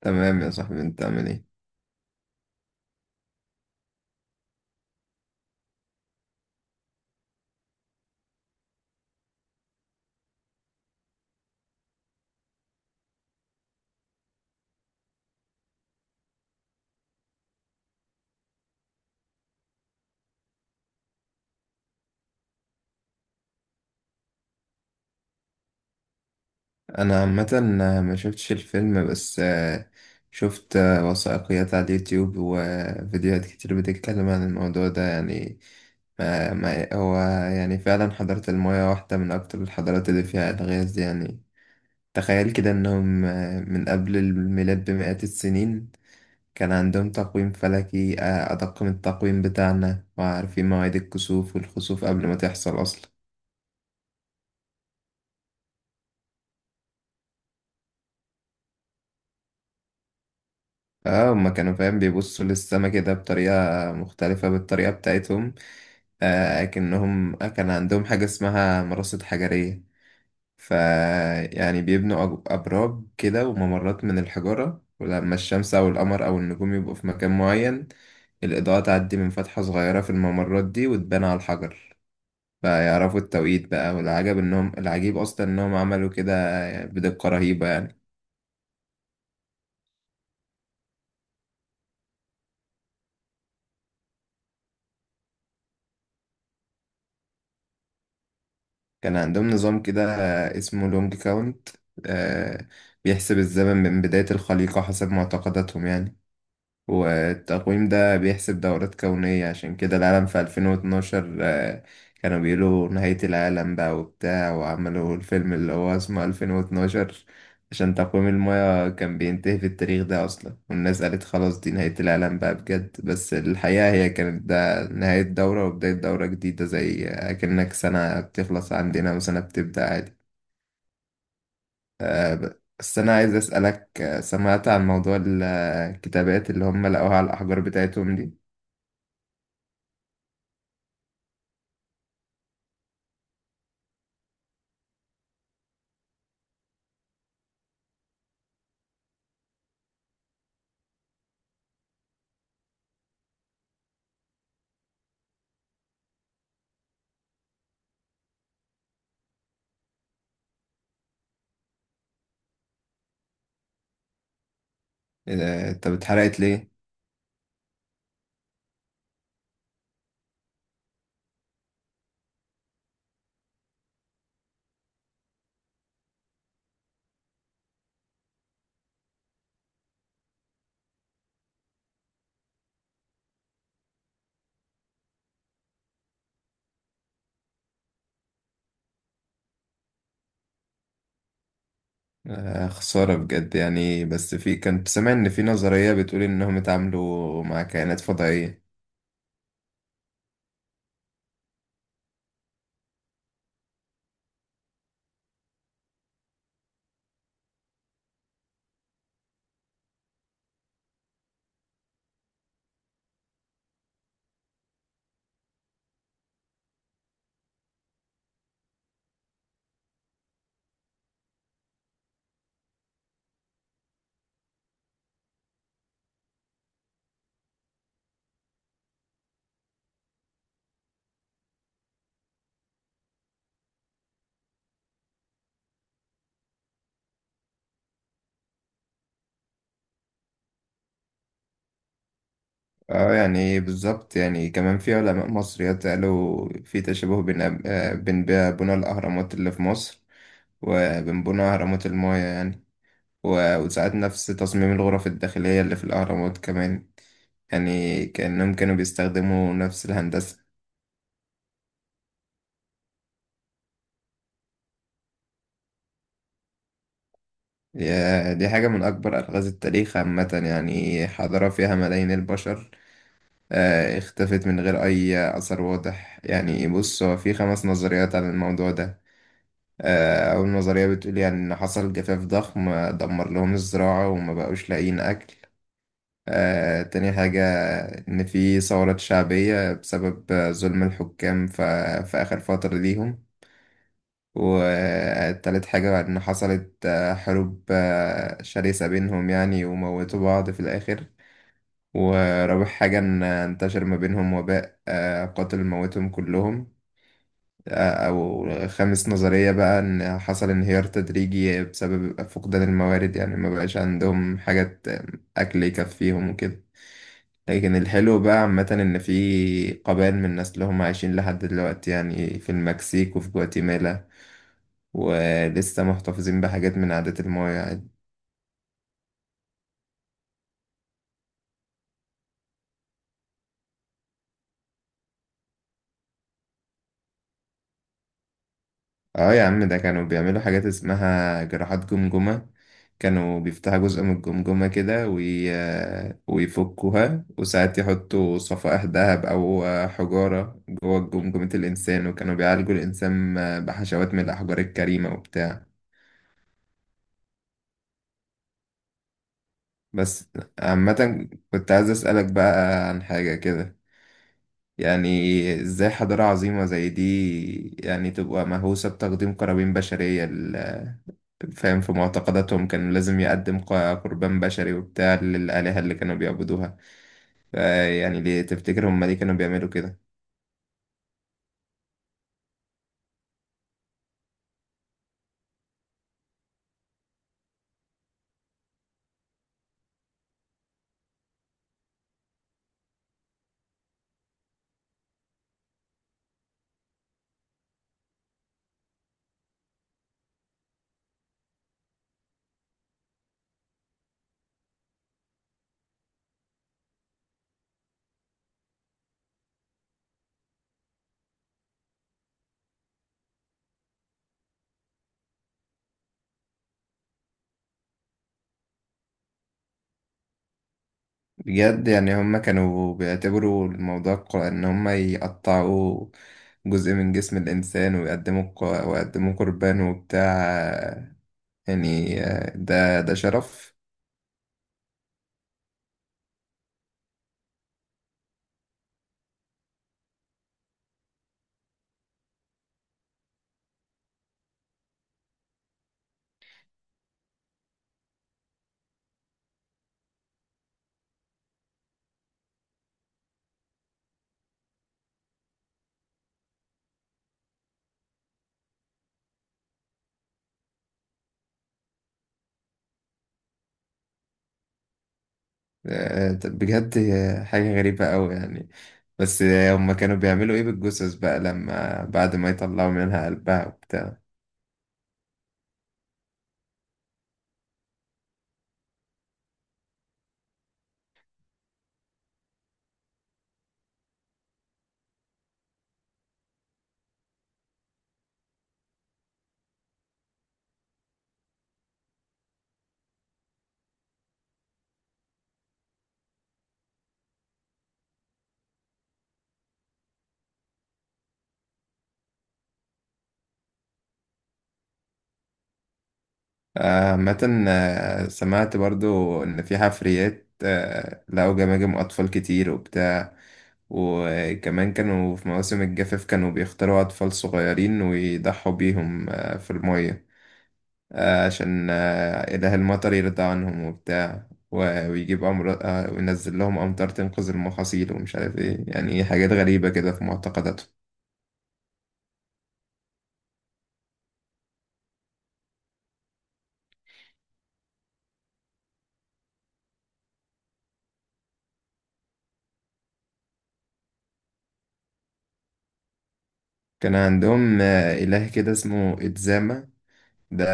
تمام يا صاحبي، انت عامل ايه؟ انا عامه ما شفتش الفيلم بس شفت وثائقيات على اليوتيوب وفيديوهات كتير بتتكلم عن الموضوع ده، يعني ما هو يعني فعلا حضارة المايا واحدة من أكتر الحضارات اللي فيها ألغاز دي. يعني تخيل كده إنهم من قبل الميلاد بمئات السنين كان عندهم تقويم فلكي أدق من التقويم بتاعنا، وعارفين مواعيد الكسوف والخسوف قبل ما تحصل أصلا. اه، هما كانوا فاهم بيبصوا للسما كده بطريقة مختلفة بالطريقة بتاعتهم. آه، كأنهم كان عندهم حاجة اسمها مراصد حجرية. ف يعني بيبنوا أبراج كده وممرات من الحجارة، ولما الشمس أو القمر أو النجوم يبقوا في مكان معين الإضاءة تعدي من فتحة صغيرة في الممرات دي وتبان على الحجر، فيعرفوا التوقيت بقى. والعجب إنهم العجيب أصلا إنهم عملوا كده بدقة رهيبة يعني. كان عندهم نظام كده اسمه لونج كاونت، آه، بيحسب الزمن من بداية الخليقة حسب معتقداتهم يعني. والتقويم ده بيحسب دورات كونية، عشان كده العالم في 2012 كانوا بيقولوا نهاية العالم بقى وبتاع، وعملوا الفيلم اللي هو اسمه 2012 عشان تقويم المياه كان بينتهي في التاريخ ده أصلا، والناس قالت خلاص دي نهاية العالم بقى بجد. بس الحقيقة هي كانت ده نهاية دورة وبداية دورة جديدة، زي أكنك سنة بتخلص عندنا وسنة بتبدأ عادي. بس أنا عايز أسألك، سمعت عن موضوع الكتابات اللي هم لقوها على الأحجار بتاعتهم دي؟ إيه ده؟ طب اتحرقت ليه؟ آه، خسارة بجد يعني. بس في كنت سامع إن في نظرية بتقول إنهم اتعاملوا مع كائنات فضائية. اه يعني بالظبط، يعني كمان في علماء مصريات قالوا في تشابه بين بين بقى بنى الأهرامات اللي في مصر وبين بنى أهرامات المايا يعني. وساعات نفس تصميم الغرف الداخلية اللي في الأهرامات كمان، يعني كأنهم كانوا بيستخدموا نفس الهندسة. يا دي حاجة من أكبر ألغاز التاريخ عامة. يعني حضارة فيها ملايين البشر اختفت من غير أي أثر واضح يعني. بص، هو في خمس نظريات عن الموضوع ده. أول نظرية بتقول يعني إن حصل جفاف ضخم دمر لهم الزراعة وما بقوش لاقيين أكل. تاني حاجة إن في ثورات شعبية بسبب ظلم الحكام في آخر فترة ليهم. وتالت حاجة إن حصلت حروب شرسة بينهم يعني، وموتوا بعض في الآخر. ورابع حاجة إن انتشر ما بينهم وباء قاتل موتهم كلهم. أو خامس نظرية بقى إن حصل انهيار تدريجي بسبب فقدان الموارد، يعني ما بقاش عندهم حاجات أكل يكفيهم وكده. لكن الحلو بقى عامة إن في قبائل من الناس اللي هم عايشين لحد دلوقتي يعني في المكسيك وفي جواتيمالا، ولسه محتفظين بحاجات من عادات الماضي يعني. اه يا عم، ده كانوا بيعملوا حاجات اسمها جراحات جمجمة. كانوا بيفتحوا جزء من الجمجمة كده ويفكوها، وساعات يحطوا صفائح ذهب أو حجارة جوه جمجمة الإنسان، وكانوا بيعالجوا الإنسان بحشوات من الأحجار الكريمة وبتاع. بس عامة كنت عايز أسألك بقى عن حاجة كده، يعني ازاي حضارة عظيمة زي دي يعني تبقى مهووسة بتقديم قرابين بشرية؟ فاهم؟ في معتقداتهم كان لازم يقدم قربان بشري وبتاع للآلهة اللي كانوا بيعبدوها. يعني ليه تفتكر هم ليه كانوا بيعملوا كده؟ بجد يعني هم كانوا بيعتبروا الموضوع إن هم يقطعوا جزء من جسم الإنسان ويقدموا ويقدموا قربان وبتاع، يعني ده شرف. طب بجد حاجة غريبة أوي يعني. بس هم كانوا بيعملوا إيه بالجثث بقى لما بعد ما يطلعوا منها قلبها وبتاع؟ عامة سمعت برضو إن في حفريات لقوا جماجم أطفال كتير وبتاع. وكمان كانوا في مواسم الجفاف كانوا بيختاروا أطفال صغيرين ويضحوا بيهم في المية، عشان إله المطر يرضى عنهم وبتاع، ويجيب أمر وينزل لهم أمطار تنقذ المحاصيل، ومش عارف إيه يعني. حاجات غريبة كده في معتقداتهم. كان عندهم إله كده اسمه إتزاما. ده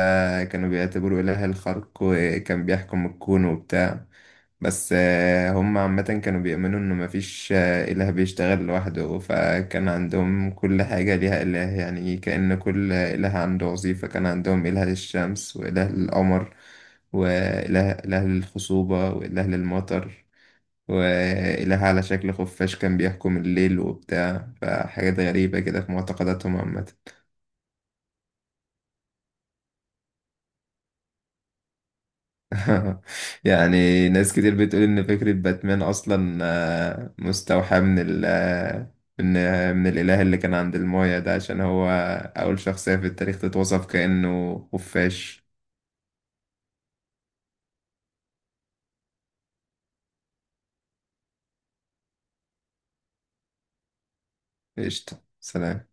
كانوا بيعتبروه إله الخلق وكان بيحكم الكون وبتاع. بس هم عامة كانوا بيؤمنوا إنه مفيش إله بيشتغل لوحده، فكان عندهم كل حاجة ليها إله يعني، كأن كل إله عنده وظيفة. كان عندهم إله للشمس وإله للقمر وإله للخصوبة وإله للمطر، وإله على شكل خفاش كان بيحكم الليل وبتاع. فحاجات غريبة كده في معتقداتهم عامة. يعني ناس كتير بتقول ان فكرة باتمان اصلا مستوحى من ال آه، من آه، من الاله اللي كان عند المايا ده، عشان هو اول شخصية في التاريخ تتوصف كأنه خفاش. قشطة، سلام.